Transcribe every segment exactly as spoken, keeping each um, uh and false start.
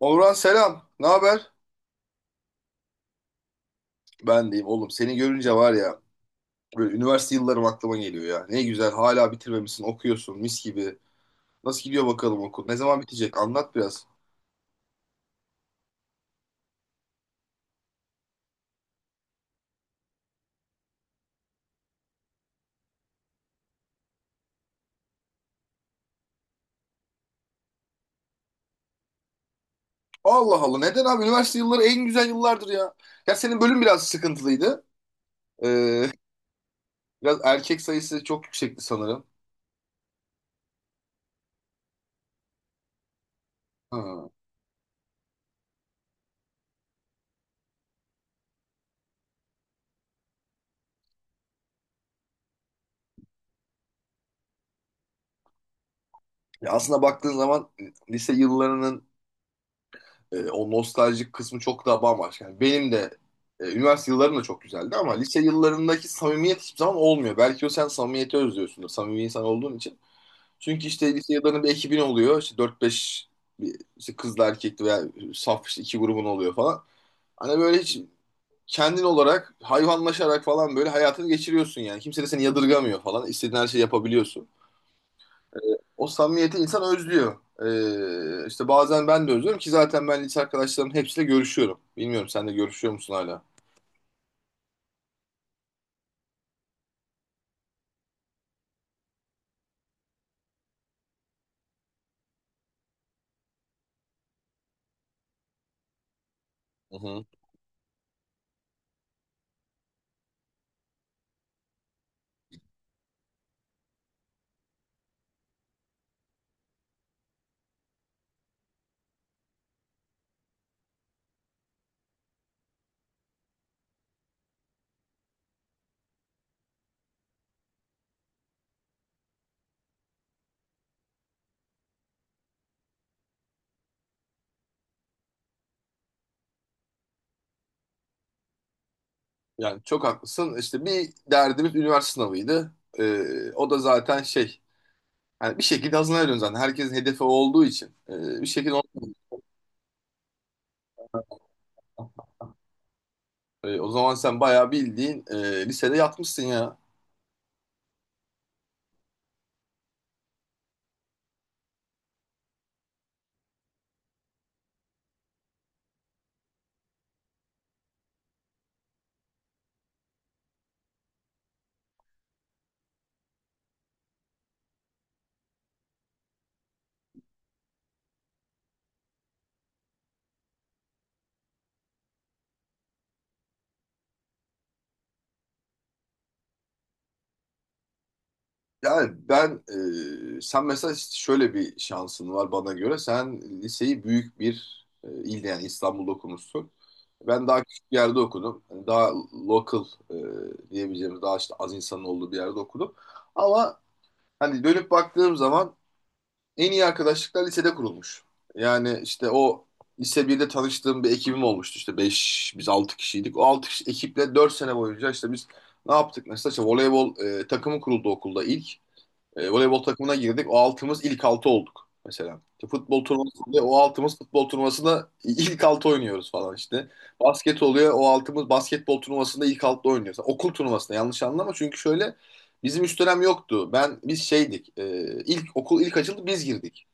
Orhan selam. Ne haber? Ben deyim oğlum. Seni görünce var ya böyle üniversite yıllarım aklıma geliyor ya. Ne güzel hala bitirmemişsin okuyorsun mis gibi. Nasıl gidiyor bakalım okul? Ne zaman bitecek? Anlat biraz. Allah Allah neden abi? Üniversite yılları en güzel yıllardır ya. Ya senin bölüm biraz sıkıntılıydı. Ee, Biraz erkek sayısı çok yüksekti sanırım. Ha. Ya aslında baktığın zaman e, lise yıllarının E, o nostaljik kısmı çok daha bambaşka. Yani benim de e, üniversite yıllarım da çok güzeldi ama lise yıllarındaki samimiyet hiçbir zaman olmuyor. Belki o sen samimiyeti özlüyorsundur. Samimi insan olduğun için. Çünkü işte lise yıllarında bir ekibin oluyor. İşte dört beş bir- işte kızla erkekli veya saf işte iki grubun oluyor falan. Hani böyle hiç kendin olarak hayvanlaşarak falan böyle hayatını geçiriyorsun yani. Kimse de seni yadırgamıyor falan. İstediğin her şeyi yapabiliyorsun. O samimiyeti insan özlüyor. Ee, işte bazen ben de özlüyorum ki zaten ben lise arkadaşlarımın hepsiyle görüşüyorum. Bilmiyorum sen de görüşüyor musun hala? Hı hı. Yani çok haklısın. İşte bir derdimiz üniversite sınavıydı. Ee, o da zaten şey. Yani bir şekilde hazırlanıyorsun zaten. Herkesin hedefi olduğu için. Ee, bir şekilde. E, o zaman sen bayağı bildiğin e, lisede yatmışsın ya. Yani ben, e, Sen mesela şöyle bir şansın var bana göre. Sen liseyi büyük bir e, ilde yani İstanbul'da okumuşsun. Ben daha küçük bir yerde okudum. Yani daha local e, diyebileceğimiz, daha işte az insanın olduğu bir yerde okudum. Ama hani dönüp baktığım zaman en iyi arkadaşlıklar lisede kurulmuş. Yani işte o lise birde tanıştığım bir ekibim olmuştu işte beş biz altı kişiydik. O altı kişi ekiple dört sene boyunca işte biz ne yaptık mesela işte voleybol e, takımı kuruldu okulda ilk. E, voleybol takımına girdik. O altımız ilk altı olduk mesela. İşte futbol turnuvası oluyor. O altımız futbol turnuvasında ilk altı oynuyoruz falan işte. Basket oluyor. O altımız basketbol turnuvasında ilk altı oynuyoruz. Okul turnuvasında yanlış anlama. Çünkü şöyle bizim üst dönem yoktu. Ben biz şeydik. E, ilk okul ilk açıldı biz girdik.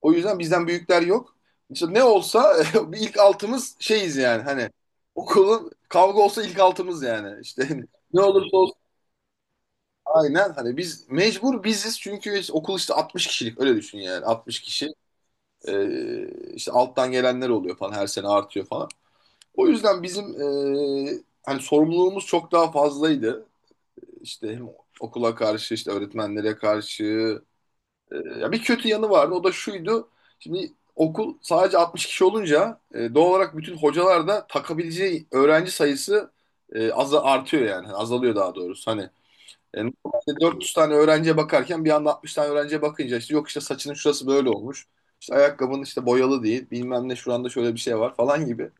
O yüzden bizden büyükler yok. İşte ne olsa bir ilk altımız şeyiz yani hani okulun kavga olsa ilk altımız yani. İşte ne olursa. Aynen hani biz mecbur biziz çünkü biz- okul işte altmış kişilik öyle düşün yani altmış kişi. Ee, işte alttan gelenler oluyor falan her sene artıyor falan. O yüzden bizim ee, hani sorumluluğumuz çok daha fazlaydı. İşte hem okula karşı işte öğretmenlere karşı. Ee, ya bir kötü yanı vardı o da şuydu. Şimdi okul sadece altmış kişi olunca e, doğal olarak bütün hocalar da takabileceği öğrenci sayısı e, az artıyor yani. Hani azalıyor daha doğrusu hani. E, normalde dört yüz tane öğrenciye bakarken bir anda altmış tane öğrenciye bakınca işte yok işte saçının şurası böyle olmuş. İşte ayakkabının işte boyalı değil. Bilmem ne şuranda şöyle bir şey var falan gibi.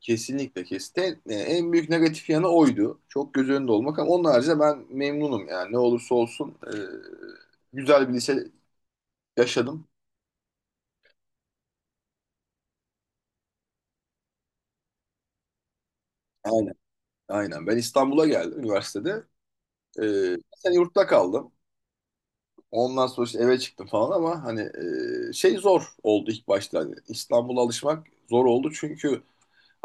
Kesinlikle kesin. E, en büyük negatif yanı oydu. Çok göz önünde olmak ama onun haricinde ben memnunum yani. Ne olursa olsun e, güzel bir lise yaşadım. Aynen. Aynen. Ben İstanbul'a geldim üniversitede. E, bir sene yurtta kaldım. Ondan sonra işte eve çıktım falan ama hani e, şey zor oldu ilk başta. Hani İstanbul'a alışmak zor oldu çünkü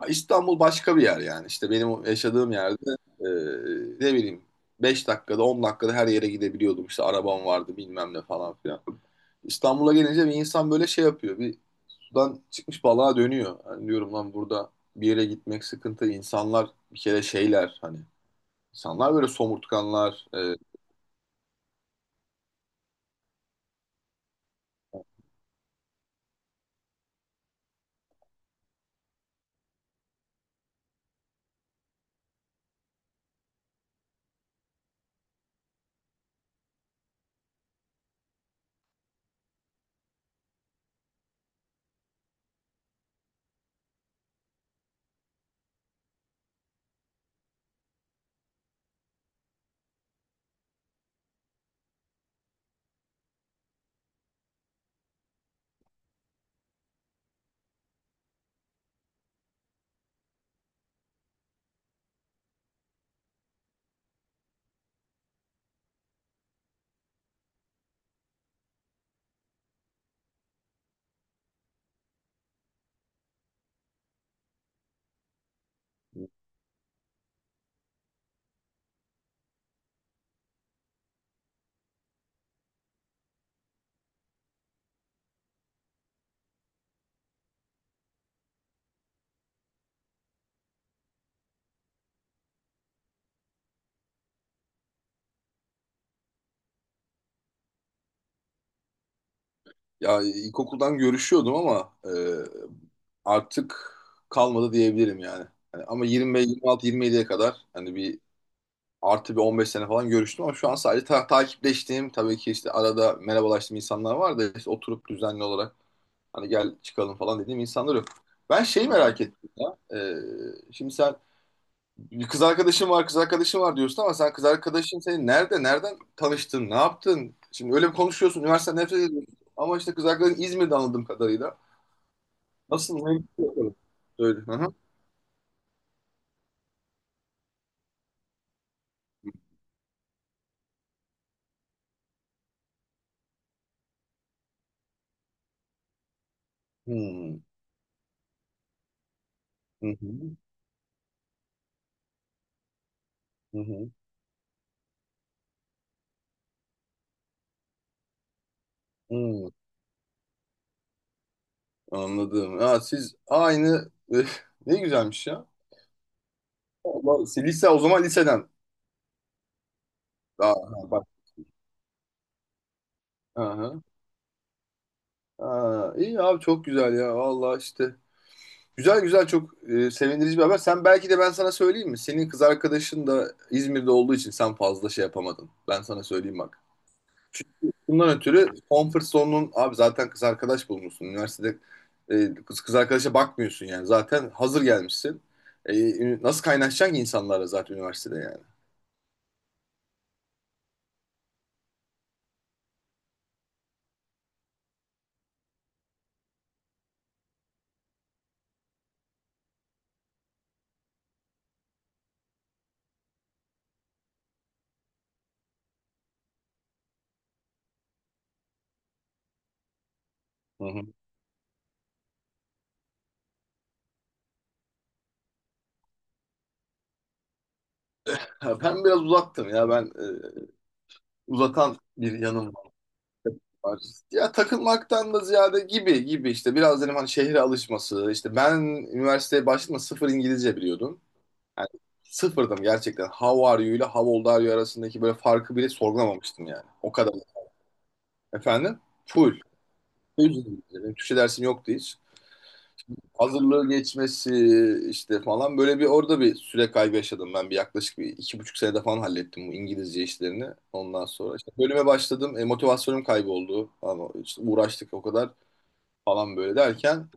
İstanbul başka bir yer yani. İşte benim yaşadığım yerde e, ne bileyim beş dakikada on dakikada her yere gidebiliyordum. İşte arabam vardı bilmem ne falan filan. İstanbul'a gelince bir insan böyle şey yapıyor. Bir sudan çıkmış balığa dönüyor. Yani diyorum lan burada bir yere gitmek sıkıntı. İnsanlar bir kere şeyler hani. İnsanlar böyle somurtkanlar. E, ya ilkokuldan görüşüyordum ama e, artık kalmadı diyebilirim yani. Hani ama yirmi beş, yirmi altı, yirmi yediye kadar hani bir artı bir on beş sene falan görüştüm ama şu an sadece ta- takipleştiğim tabii ki işte arada merhabalaştığım insanlar var da işte oturup düzenli olarak hani gel çıkalım falan dediğim insanlar yok. Ben şeyi. Hmm. Merak ettim ya. Ee, şimdi sen bir kız arkadaşın var, kız arkadaşın var diyorsun ama sen kız arkadaşın seni nerede, nereden tanıştın, ne yaptın? Şimdi öyle bir konuşuyorsun, üniversiteden nefret ediyorsun. Ama işte kız arkadaşın İzmir'de anladığım kadarıyla. Nasıl? Ne? Söyle. Hı hı. Hmm. Hı hı. Hı hı. Hmm. Anladım. Ya siz aynı ne güzelmiş ya. Allah, siz lise o zaman liseden. Aa, ha, bak. Aha. Aa, iyi abi çok güzel ya. Vallahi işte. Güzel güzel çok e, sevindirici bir haber. Sen belki de ben sana söyleyeyim mi? Senin kız arkadaşın da İzmir'de olduğu için sen fazla şey yapamadın. Ben sana söyleyeyim bak. Çünkü bundan ötürü comfort zone'un abi zaten kız arkadaş bulmuşsun. Üniversitede e, kız, kız arkadaşa bakmıyorsun yani. Zaten hazır gelmişsin. E, Nasıl kaynaşacaksın ki insanlarla zaten üniversitede yani? Ha, ben biraz uzaktım ya ben e, uzatan bir yanım var. Ya takılmaktan da ziyade gibi gibi işte biraz dedim hani şehre alışması işte ben üniversiteye başladığımda sıfır İngilizce biliyordum. Yani sıfırdım gerçekten. How are you ile how old are you arasındaki böyle farkı bile sorgulamamıştım yani. O kadar. Efendim? Full. Full İngilizce. Benim Türkçe dersim yoktu hiç. Hazırlığı geçmesi işte falan böyle bir orada bir süre kaybı yaşadım ben bir yaklaşık bir iki buçuk senede falan hallettim bu İngilizce işlerini ondan sonra işte bölüme başladım e, motivasyonum kayboldu ama işte uğraştık o kadar falan böyle derken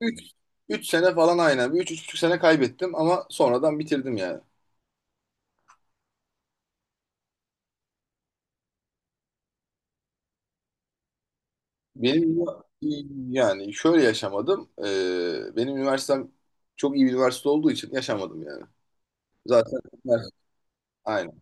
üç 3 sene falan aynen bir üç üç buçuk sene kaybettim ama sonradan bitirdim yani. Benim yani şöyle yaşamadım. E, benim üniversitem çok iyi bir üniversite olduğu için yaşamadım yani. Zaten üniversite- aynen.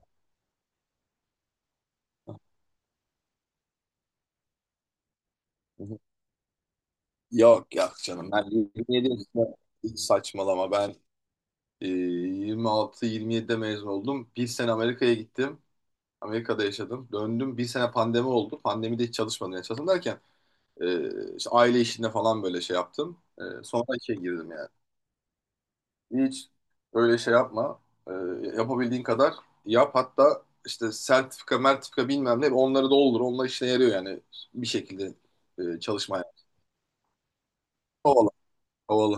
Yok yok canım ben yirmi yedi yaşında hiç saçmalama ben e, yirmi altı yirmi yedide mezun oldum. Bir sene Amerika'ya gittim. Amerika'da yaşadım. Döndüm bir sene pandemi oldu. Pandemide hiç çalışmadım. Yani çalışmadım derken e, işte aile işinde falan böyle şey yaptım. E, sonra işe girdim yani. Hiç öyle şey yapma. E, Yapabildiğin kadar yap. Hatta işte sertifika mertifika bilmem ne onları da olur. Onlar işine yarıyor yani bir şekilde e, çalışmaya. Kovala. Kovala.